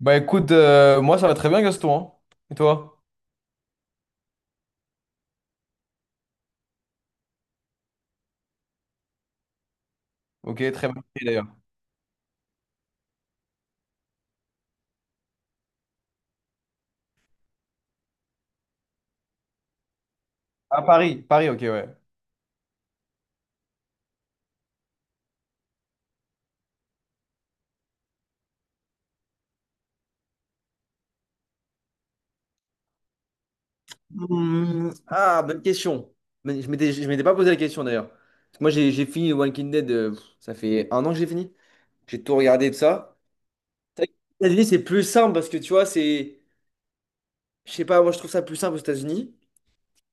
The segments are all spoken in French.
Bah écoute, moi ça va très bien Gaston, hein. Et toi? Ok, très bien pris, d'ailleurs. À Paris, Paris, ok, ouais. Bonne question. Mais je m'étais pas posé la question d'ailleurs. Parce que moi, j'ai fini Walking Dead, ça fait un an que j'ai fini. J'ai tout regardé de ça. C'est vrai que les États-Unis, c'est plus simple parce que tu vois, c'est, je sais pas, moi, je trouve ça plus simple aux États-Unis.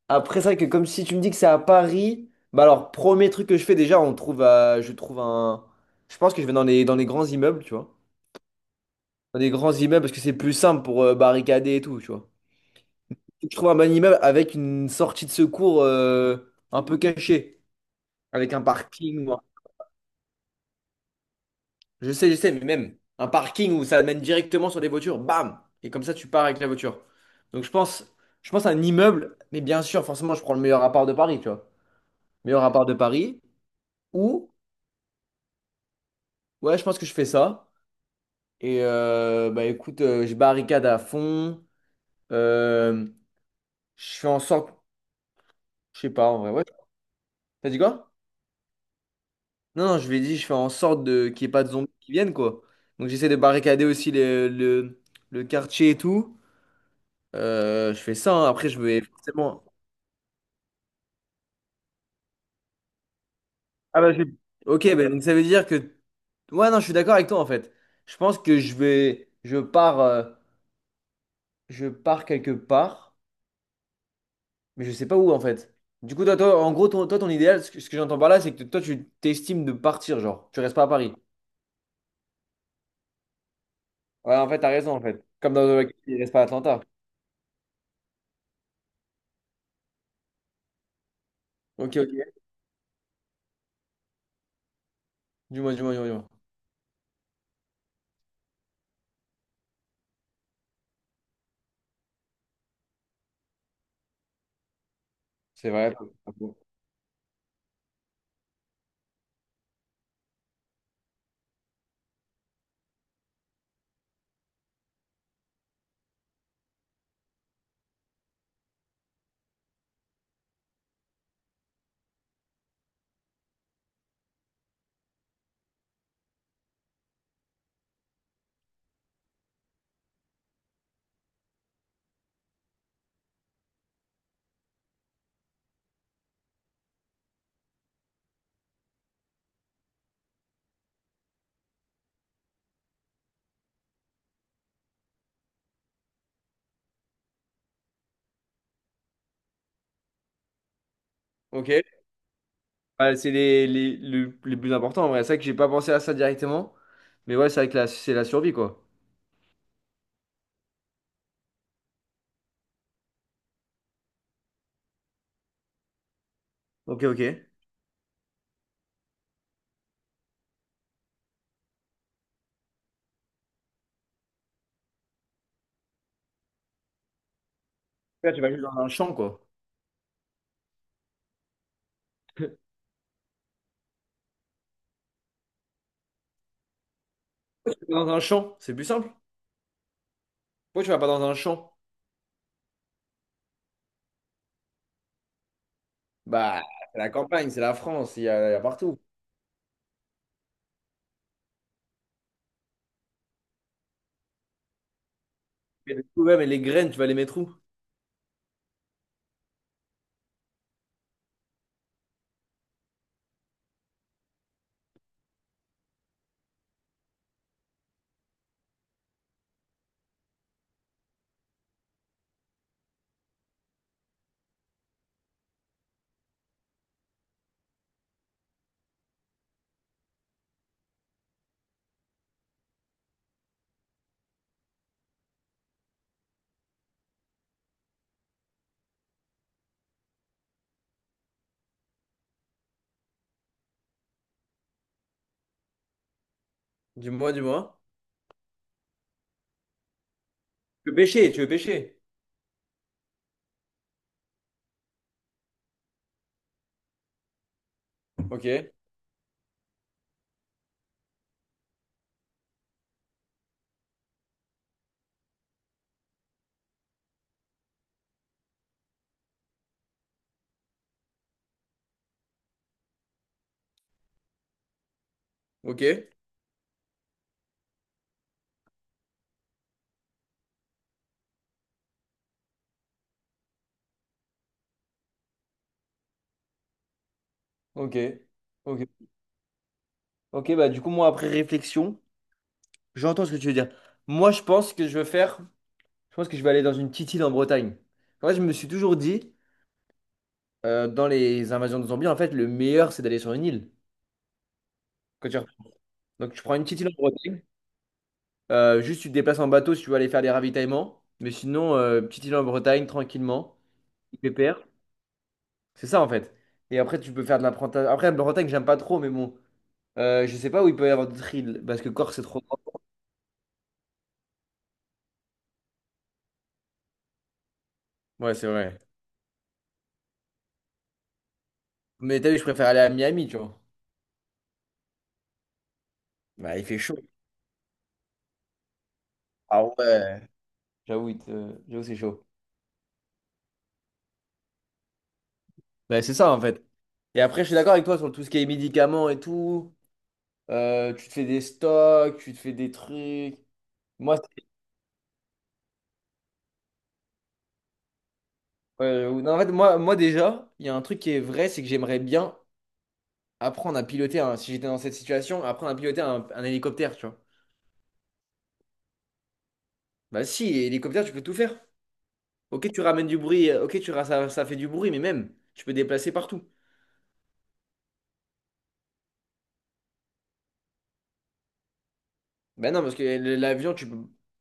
Après, c'est vrai que comme si tu me dis que c'est à Paris, bah alors, premier truc que je fais déjà, je trouve un. Je pense que je vais dans les grands immeubles, tu vois. Dans des grands immeubles parce que c'est plus simple pour barricader et tout, tu vois. Je trouve un bon immeuble avec une sortie de secours un peu cachée, avec un parking. Je sais, mais même un parking où ça mène directement sur des voitures, bam! Et comme ça, tu pars avec la voiture. Donc je pense, je pense à un immeuble, mais bien sûr, forcément, je prends le meilleur appart de Paris, tu vois. Meilleur appart de Paris, ou, Ouais, je pense que je fais ça. Et bah écoute, je barricade à fond. Euh, je fais en sorte, je sais pas, en vrai, ouais. T'as dit quoi? Non, non, je lui ai dit, je fais en sorte de qu'il n'y ait pas de zombies qui viennent, quoi. Donc j'essaie de barricader aussi le quartier et tout. Je fais ça, hein. Après je vais forcément... Ah bah je... Ok, bah, donc ça veut dire que... Ouais, non, je suis d'accord avec toi en fait. Je pense que je vais... Je pars quelque part, mais je sais pas où en fait. Du coup, toi en gros, ton idéal, ce que j'entends par là, c'est que toi, tu t'estimes de partir, genre. Tu restes pas à Paris. Ouais, en fait, t'as raison en fait. Comme dans... The Walking Dead, il reste pas à Atlanta. Ok, ok. Dis-moi, dis-moi, dis-moi, dis-moi. C'est vrai. Ok. Bah, c'est les plus importants en vrai. C'est vrai que j'ai pas pensé à ça directement. Mais ouais, c'est vrai que c'est la survie, quoi. Ok, ok. Là, tu vas juste dans un champ, quoi. Dans un champ, c'est plus simple. Pourquoi tu vas pas dans un champ? Bah, c'est la campagne, c'est la France, il y a partout. Mais le problème, et les graines, tu vas les mettre où? Dis-moi, dis-moi. Tu veux pêcher, tu veux pêcher. Ok, ok, ok, ok. Ok, bah du coup, moi, après réflexion, j'entends ce que tu veux dire. Moi, je pense que je veux faire. Je pense que je vais aller dans une petite île en Bretagne. En fait, je me suis toujours dit, dans les invasions de zombies, en fait, le meilleur, c'est d'aller sur une île. Quand tu repars. Donc, tu prends une petite île en Bretagne. Juste, tu te déplaces en bateau si tu veux aller faire des ravitaillements. Mais sinon, petite île en Bretagne, tranquillement, pépère. C'est ça, en fait. Et après, tu peux faire de l'apprentissage. Après, la Bretagne, j'aime pas trop, mais bon. Je sais pas où il peut y avoir d'autres îles, parce que Corse, c'est trop grand. Ouais, c'est vrai. Mais t'as vu, je préfère aller à Miami, tu vois. Bah, il fait chaud. Ah ouais. J'avoue, c'est chaud. Ouais, c'est ça en fait. Et après, je suis d'accord avec toi sur tout ce qui est médicaments et tout. Tu te fais des stocks, tu te fais des trucs. Moi, c'est- non, en fait, moi déjà, il y a un truc qui est vrai, c'est que j'aimerais bien apprendre à piloter, un, si j'étais dans cette situation, apprendre à piloter un hélicoptère, tu vois. Bah si, hélicoptère, tu peux tout faire. Ok, tu ramènes du bruit, ok, ça, ça fait du bruit, mais même, tu peux déplacer partout. Ben non, parce que le- L'avion, tu peux...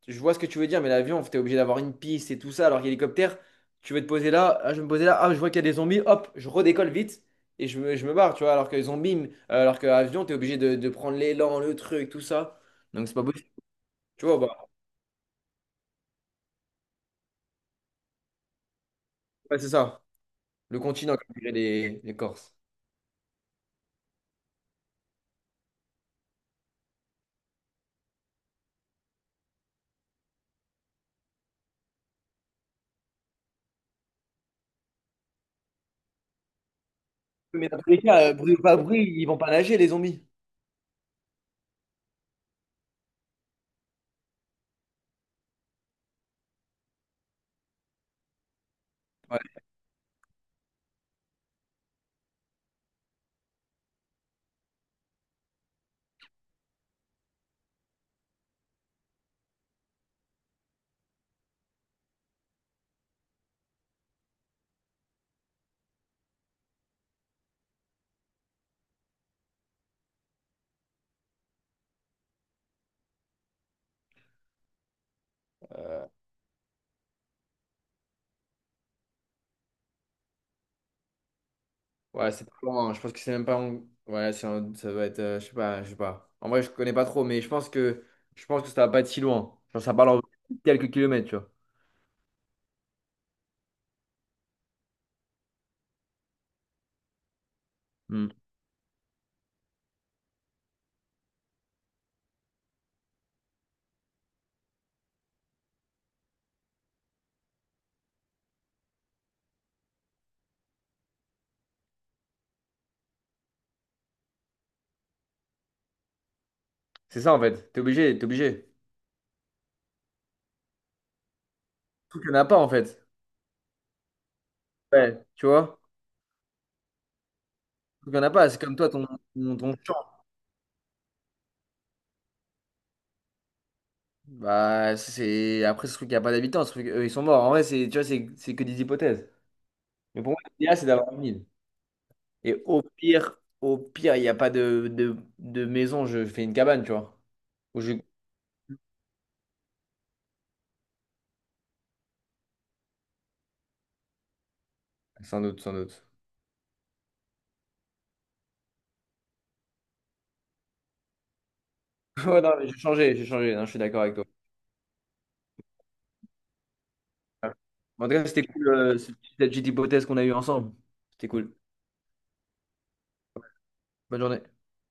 Je vois ce que tu veux dire, mais l'avion, t'es obligé d'avoir une piste et tout ça, alors qu'hélicoptère, tu veux te poser là, ah, je vais me poser là, ah, je vois qu'il y a des zombies, hop, je redécolle vite et je me barre, tu vois, alors que avion, t'es obligé de prendre l'élan, le truc, tout ça. Donc c'est pas possible. Tu vois, bah, ouais, c'est ça, le continent, comme diraient les Corses. Mais dans tous les cas, bruit ou pas bruit, ils vont pas nager, les zombies. Ouais. Ouais, c'est pas loin. Je pense que c'est même pas. Ouais, ça doit être, je sais pas, je sais pas. En vrai, je connais pas trop, mais je pense que ça va pas être si loin. Genre, ça parle en quelques kilomètres, tu vois. Hmm. C'est ça en fait. T'es obligé, t'es obligé. Tout qu'il y en a pas en fait. Ouais, tu vois. Tout qu'il y en a pas. C'est comme toi, ton champ. Bah, c'est. Après, ce truc, il y a pas d'habitants. Ce truc, eux, ils sont morts. En vrai, c'est, tu vois, c'est que des hypothèses. Mais pour moi, l'idéal, c'est d'avoir une île. Et au pire, il n'y a pas de maison, je fais une cabane, tu vois. Ou je... Sans doute, sans doute. Ouais, non, mais j'ai changé, non, je suis d'accord avec toi. En tout cas, c'était cool, cette petite hypothèse qu'on a eue ensemble. C'était cool. Bonne journée.